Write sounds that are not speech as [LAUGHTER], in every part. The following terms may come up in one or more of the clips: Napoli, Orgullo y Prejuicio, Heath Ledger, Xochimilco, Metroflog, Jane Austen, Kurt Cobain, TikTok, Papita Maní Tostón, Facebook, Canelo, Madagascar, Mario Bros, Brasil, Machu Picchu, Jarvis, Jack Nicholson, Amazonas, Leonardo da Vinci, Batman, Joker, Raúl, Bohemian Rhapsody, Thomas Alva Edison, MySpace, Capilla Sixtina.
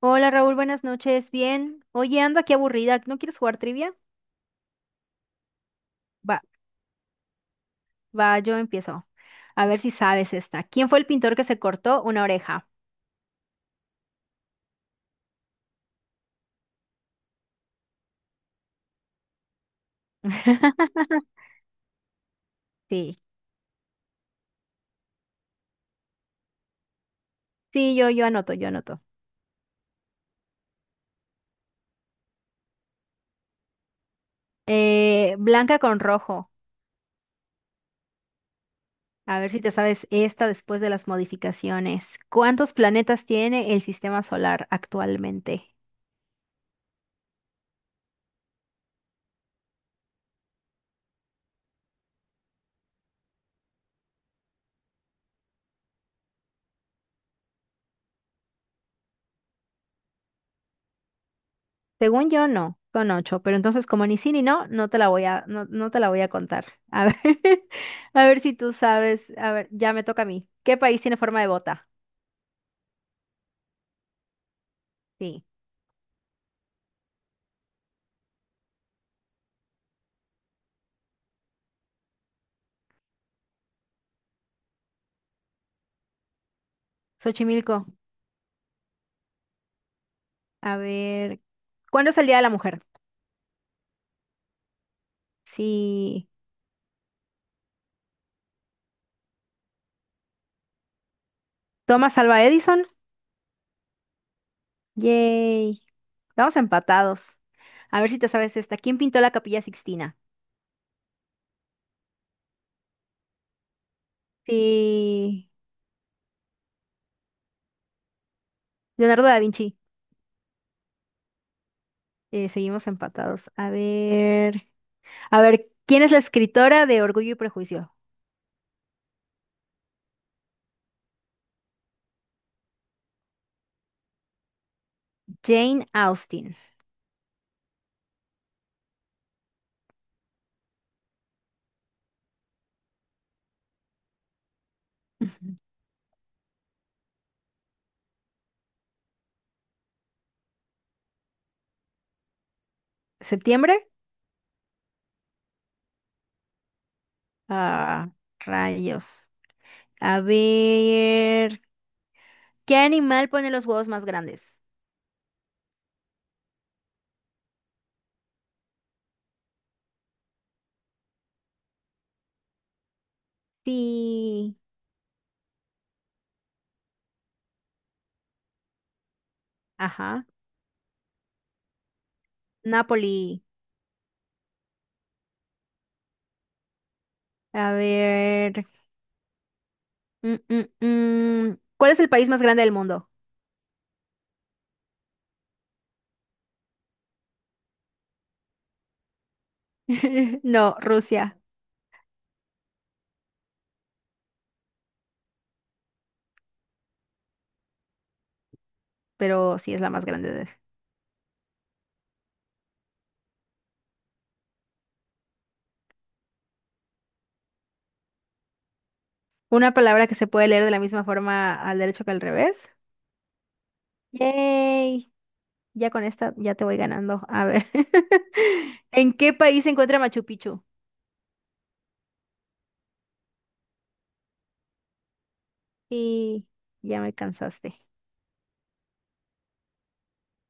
Hola Raúl, buenas noches. Bien. Oye, ando aquí aburrida. ¿No quieres jugar trivia? Va, va, yo empiezo. A ver si sabes esta. ¿Quién fue el pintor que se cortó una oreja? [LAUGHS] Sí, sí, yo anoto, yo anoto. Blanca con rojo. A ver si te sabes esta después de las modificaciones. ¿Cuántos planetas tiene el sistema solar actualmente? Según yo, no, son ocho, pero entonces como ni sí ni no, no te la voy a, no, no te la voy a contar. A ver, [LAUGHS] a ver si tú sabes, a ver, ya me toca a mí. ¿Qué país tiene forma de bota? Sí, Xochimilco. A ver, ¿cuándo es el Día de la Mujer? Sí, Thomas Alva Edison. Yay, estamos empatados. A ver si te sabes esta. ¿Quién pintó la Capilla Sixtina? Sí, Leonardo da Vinci. Seguimos empatados. A ver, ¿quién es la escritora de Orgullo y Prejuicio? Jane Austen. Ujú. ¿Septiembre? Ah, rayos. A ver, ¿qué animal pone los huevos más grandes? Sí, ajá. Napoli. A ver, mm, mm, ¿cuál es el país más grande del mundo? [LAUGHS] No, Rusia, pero sí es la más grande de... Una palabra que se puede leer de la misma forma al derecho que al revés. Yay. Ya con esta ya te voy ganando. A ver. [LAUGHS] ¿En qué país se encuentra Machu Picchu? Y ya me cansaste.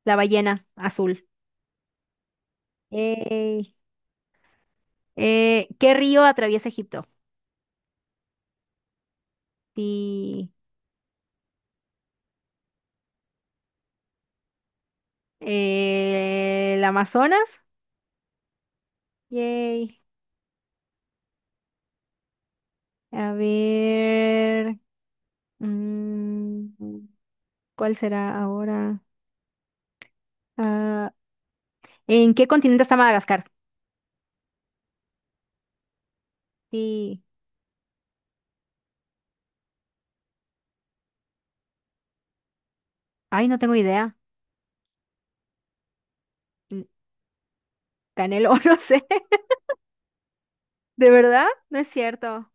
La ballena azul. Ey. ¿Qué río atraviesa Egipto? Sí. ¿El Amazonas? Yay. A ver. mm, ¿Cuál será ahora? Ah, ¿en qué continente está Madagascar? Sí. Ay, no tengo idea. N- Canelo, [LAUGHS] no sé. ¿De verdad? No es cierto.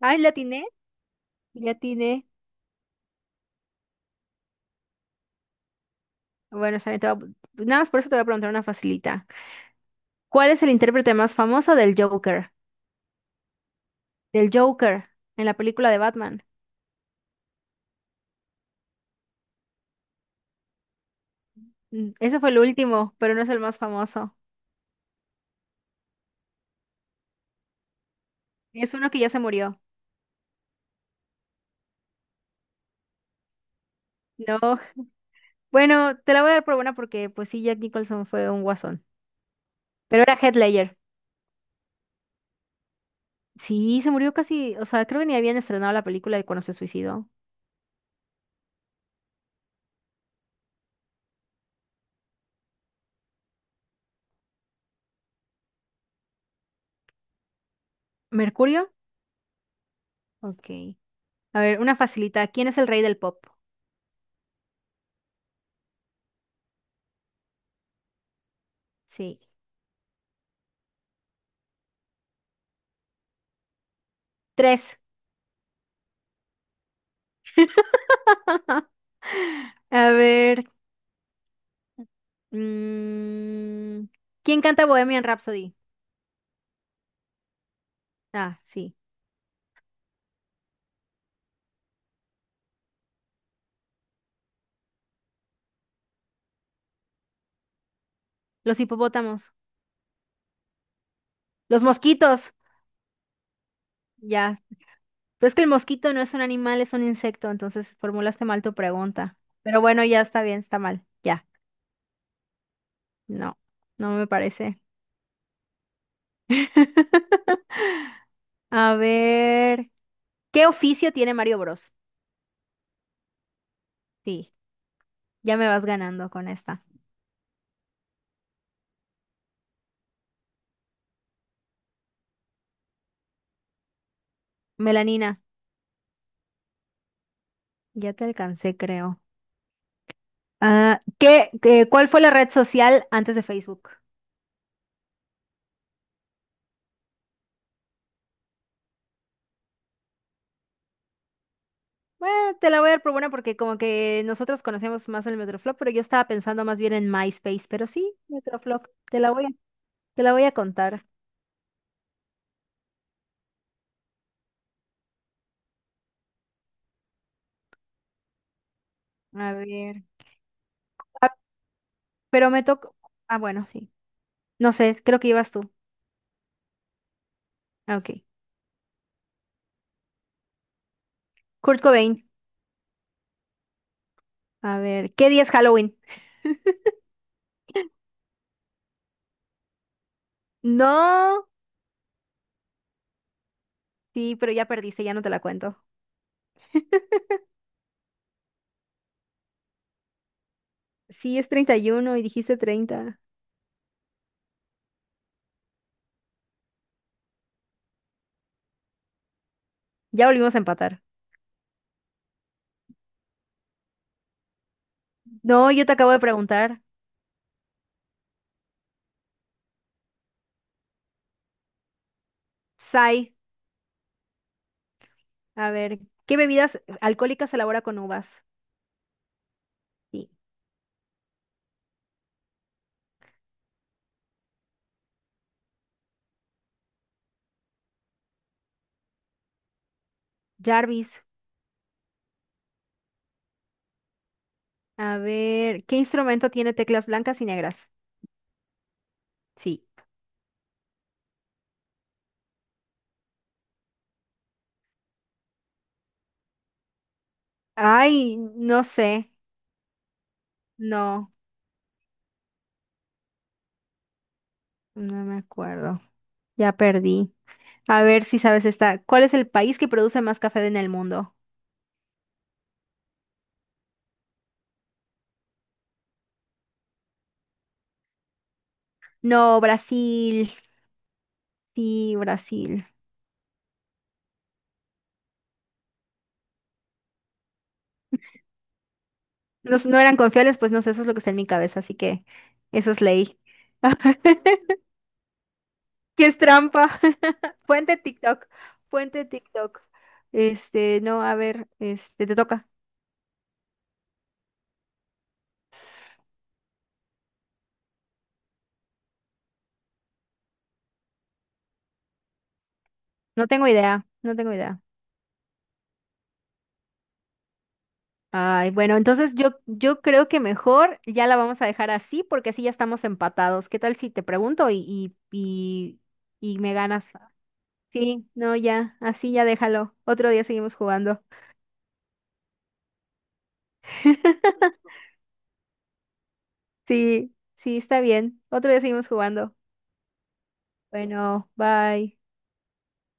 Ay, la atiné. La atiné. Bueno, está bien, te voy a- Nada más por eso te voy a preguntar una facilita. ¿Cuál es el intérprete más famoso del Joker? Del Joker en la película de Batman. Ese fue el último, pero no es el más famoso. Es uno que ya se murió. No. [LAUGHS] Bueno, te la voy a dar por buena porque pues sí, Jack Nicholson fue un guasón. Pero era Heath Ledger. Sí, se murió casi, o sea, creo que ni habían estrenado la película de cuando se suicidó. ¿Mercurio? Ok. A ver, una facilita. ¿Quién es el rey del pop? Sí. Tres. [LAUGHS] A ver. mm, ¿Quién canta Bohemian Rhapsody? Ah, sí. Los hipopótamos. Los mosquitos. Ya. Pero es que el mosquito no es un animal, es un insecto, entonces formulaste mal tu pregunta. Pero bueno, ya está bien, está mal. Ya. No, no me parece. [LAUGHS] A ver, ¿qué oficio tiene Mario Bros? Sí, ya me vas ganando con esta. Melanina, ya te alcancé, creo. Ah, ¿ cuál fue la red social antes de Facebook? Bueno, te la voy a dar por buena porque como que nosotros conocemos más el Metroflog, pero yo estaba pensando más bien en MySpace, pero sí, Metroflog, te la voy a contar. A ver. Ah, pero me tocó. Ah, bueno, sí. No sé, creo que ibas tú. Ah, ok. Kurt Cobain. A ver, ¿qué día es Halloween? No. Sí, pero ya perdiste, ya no te la cuento. Sí, es 31 y dijiste 30. Ya volvimos a empatar. No, yo te acabo de preguntar. Sai, a ver, ¿qué bebidas alcohólicas se elabora con uvas? Sí. Jarvis. A ver, ¿qué instrumento tiene teclas blancas y negras? Sí. Ay, no sé. No, no me acuerdo. Ya perdí. A ver si sabes esta. ¿Cuál es el país que produce más café en el mundo? No, Brasil. Sí, Brasil. No, no eran confiables, pues no sé, eso es lo que está en mi cabeza, así que eso es ley. [LAUGHS] ¿Qué es trampa? [LAUGHS] Puente TikTok. Puente TikTok. Este, no, a ver, este, te toca. No tengo idea, no tengo idea. Ay, bueno, entonces yo, creo que mejor ya la vamos a dejar así porque así ya estamos empatados. ¿Qué tal si te pregunto y me ganas? Sí, no, ya, así ya déjalo. Otro día seguimos jugando. [LAUGHS] Sí, sí, está bien. Otro día seguimos jugando. Bueno, bye.